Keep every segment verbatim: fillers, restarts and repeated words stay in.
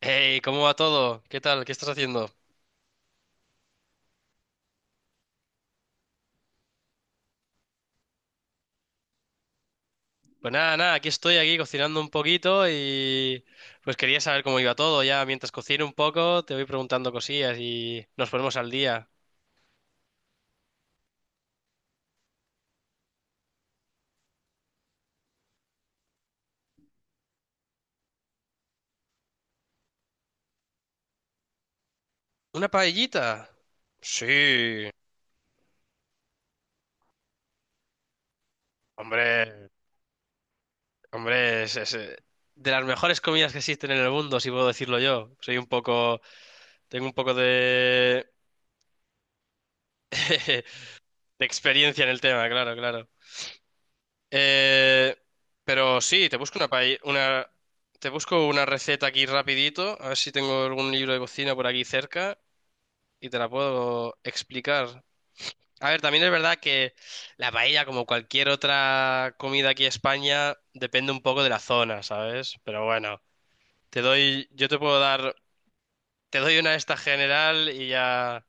Hey, ¿cómo va todo? ¿Qué tal? ¿Qué estás haciendo? Pues nada, nada, aquí estoy aquí cocinando un poquito y pues quería saber cómo iba todo. Ya mientras cocino un poco, te voy preguntando cosillas y nos ponemos al día. ¿Una paellita? Sí, hombre, hombre, es, es, eh, de las mejores comidas que existen en el mundo, si puedo decirlo yo. Soy un poco, tengo un poco de, de experiencia en el tema, claro, claro. Eh, pero sí, te busco una, paella, una, te busco una receta aquí rapidito, a ver si tengo algún libro de cocina por aquí cerca y te la puedo explicar. A ver, también es verdad que la paella, como cualquier otra comida aquí en España, depende un poco de la zona, ¿sabes? Pero bueno, te doy, yo te puedo dar, te doy una de esta general y ya,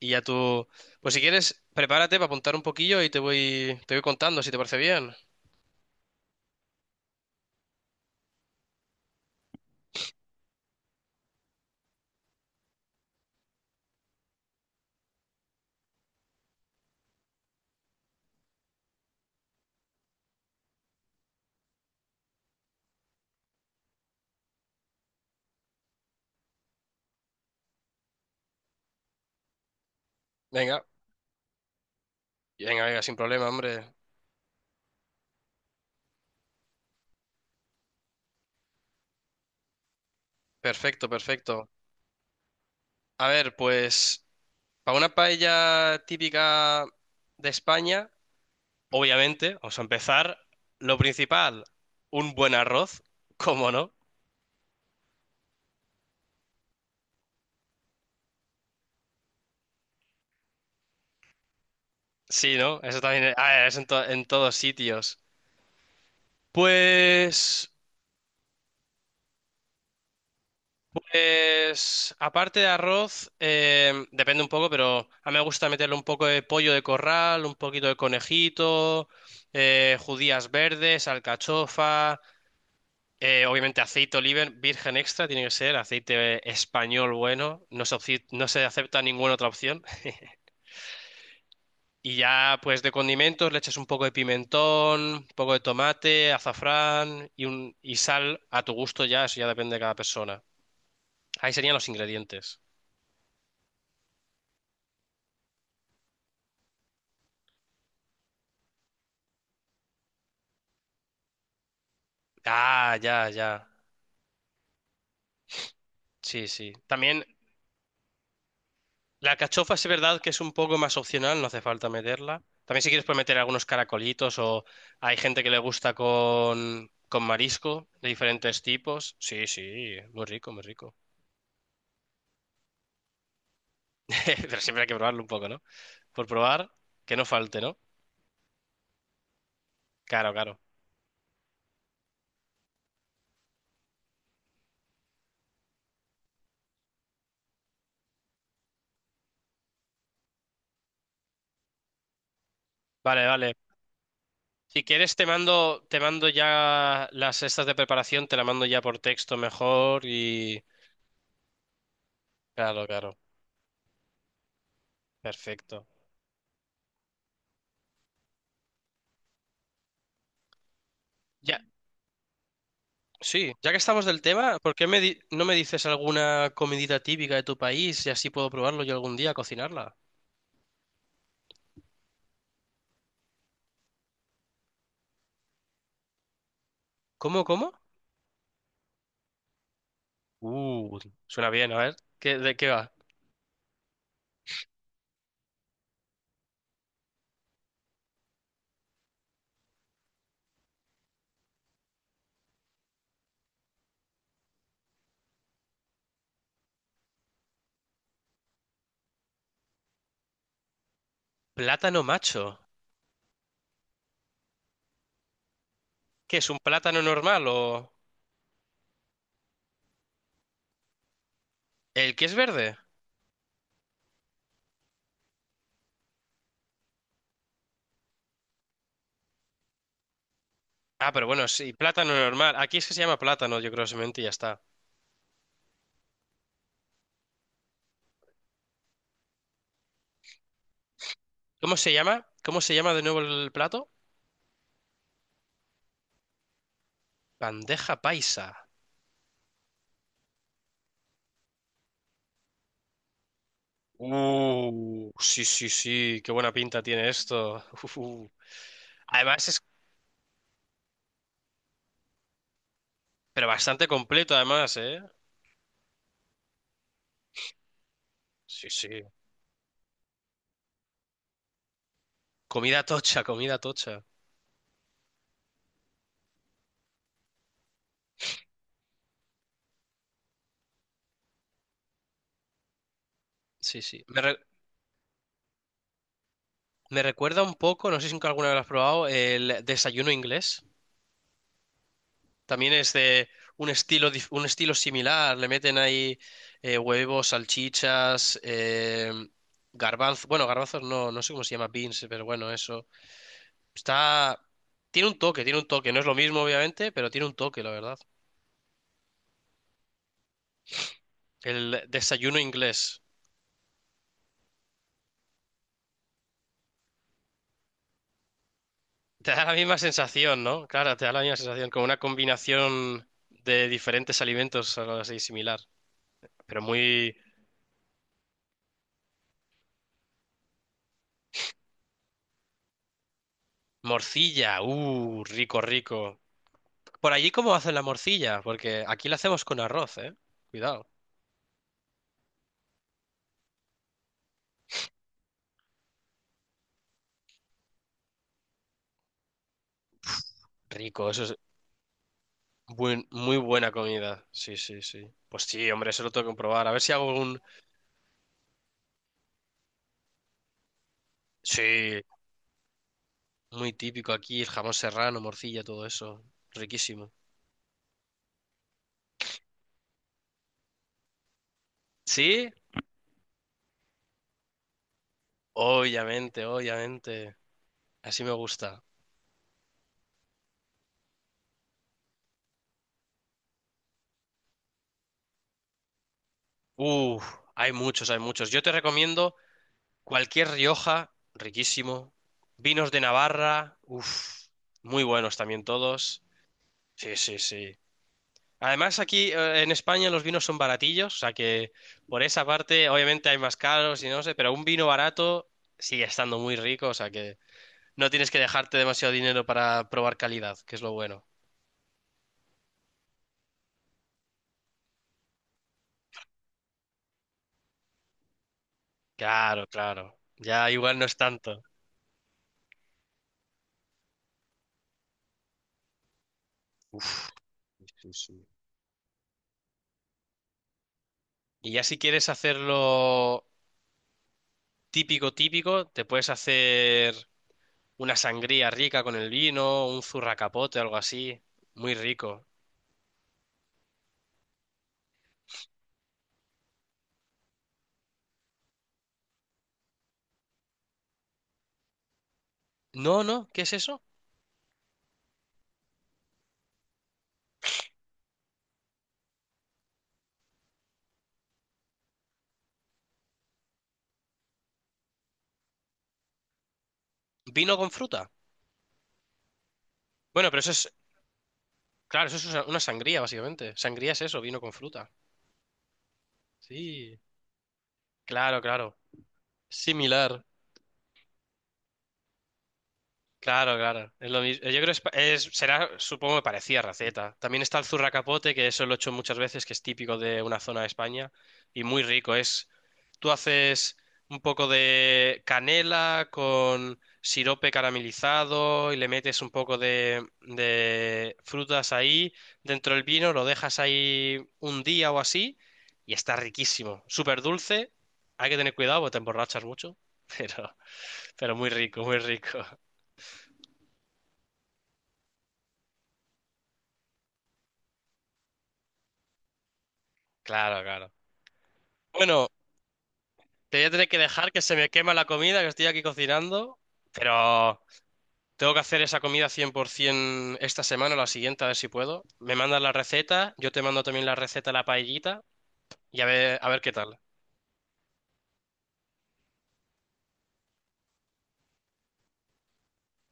y ya tú, pues si quieres, prepárate para apuntar un poquillo y te voy, te voy contando si te parece bien. Venga, venga, venga, sin problema, hombre. Perfecto, perfecto. A ver, pues para una paella típica de España, obviamente, vamos a empezar. Lo principal, un buen arroz, ¿cómo no? Sí, ¿no? Eso también es, a ver, es en, to- en todos sitios. Pues, pues, aparte de arroz, eh, depende un poco, pero a mí me gusta meterle un poco de pollo de corral, un poquito de conejito, eh, judías verdes, alcachofa. Eh, obviamente aceite oliva virgen extra, tiene que ser aceite español bueno, no se, opci- no se acepta ninguna otra opción. Y ya pues de condimentos le echas un poco de pimentón, un poco de tomate, azafrán y, un, y sal a tu gusto ya, eso ya depende de cada persona. Ahí serían los ingredientes. Ah, ya, ya. Sí, sí. También la cachofa sí es verdad que es un poco más opcional, no hace falta meterla. También si quieres puedes meter algunos caracolitos o hay gente que le gusta con, con marisco de diferentes tipos. Sí, sí, muy rico, muy rico. Pero siempre hay que probarlo un poco, ¿no? Por probar, que no falte, ¿no? Claro, claro. Vale, vale. Si quieres te mando, te mando ya las estas de preparación, te la mando ya por texto mejor y... Claro, claro. Perfecto. Ya, sí, ya que estamos del tema, ¿por qué me di- no me dices alguna comidita típica de tu país y así puedo probarlo yo algún día, cocinarla? ¿Cómo, cómo? Uh, suena bien, a ver. ¿Qué, de qué va? Plátano macho. ¿Qué es un plátano normal o el que es verde? Ah, pero bueno, sí, plátano normal. Aquí es que se llama plátano, yo creo, simplemente y ya está. ¿Cómo se llama? ¿Cómo se llama de nuevo el plato? Bandeja paisa. Uh, sí, sí, sí, qué buena pinta tiene esto. Además es Pero bastante completo además, ¿eh? Sí, sí. Comida tocha, comida tocha. Sí, sí. Me, re- me recuerda un poco, no sé si nunca alguna vez lo has probado, el desayuno inglés. También es de un estilo, dif- un estilo similar. Le meten ahí eh, huevos, salchichas, eh, garbanzos. Bueno, garbanzos no, no sé cómo se llama, beans, pero bueno, eso. Está... Tiene un toque, tiene un toque. No es lo mismo, obviamente, pero tiene un toque, la verdad. El desayuno inglés. Te da la misma sensación, ¿no? Claro, te da la misma sensación, como una combinación de diferentes alimentos, algo así similar. Pero muy morcilla, uh, rico, rico. Por allí, ¿cómo hacen la morcilla? Porque aquí la hacemos con arroz, ¿eh? Cuidado. Rico, eso es buen- muy buena comida. Sí, sí, sí. Pues sí, hombre, eso lo tengo que probar. A ver si hago un... Sí, muy típico aquí, el jamón serrano, morcilla, todo eso. Riquísimo. ¿Sí? Obviamente, obviamente. Así me gusta. Uf, hay muchos, hay muchos. Yo te recomiendo cualquier Rioja, riquísimo. Vinos de Navarra, uf, muy buenos también todos. Sí, sí, sí. Además, aquí eh, en España los vinos son baratillos, o sea que por esa parte, obviamente hay más caros y no sé, pero un vino barato sigue estando muy rico, o sea que no tienes que dejarte demasiado dinero para probar calidad, que es lo bueno. Claro, claro. Ya igual no es tanto. Uf, sí, sí. Sí. Y ya si quieres hacerlo típico, típico, te puedes hacer una sangría rica con el vino, un zurracapote, algo así, muy rico. No, no, ¿qué es eso? Vino con fruta. Bueno, pero eso es, claro, eso es una una sangría, básicamente. Sangría es eso, vino con fruta. Sí, claro, claro. Similar. Claro, claro. Es lo mismo. Yo creo que es, pa- es- será, supongo que parecía raceta. También está el zurracapote, que eso lo he hecho muchas veces, que es típico de una zona de España y muy rico. Es, tú haces un poco de canela con sirope caramelizado y le metes un poco de, de frutas ahí dentro del vino, lo dejas ahí un día o así y está riquísimo. Súper dulce. Hay que tener cuidado porque te emborrachas mucho, pero, pero muy rico, muy rico. Claro, claro. Bueno, te voy a tener que dejar que se me quema la comida que estoy aquí cocinando, pero tengo que hacer esa comida cien por ciento esta semana o la siguiente, a ver si puedo. Me mandas la receta, yo te mando también la receta de la paellita y a ver, a ver qué tal.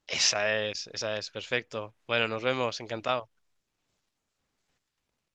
Esa es, esa es, perfecto. Bueno, nos vemos, encantado.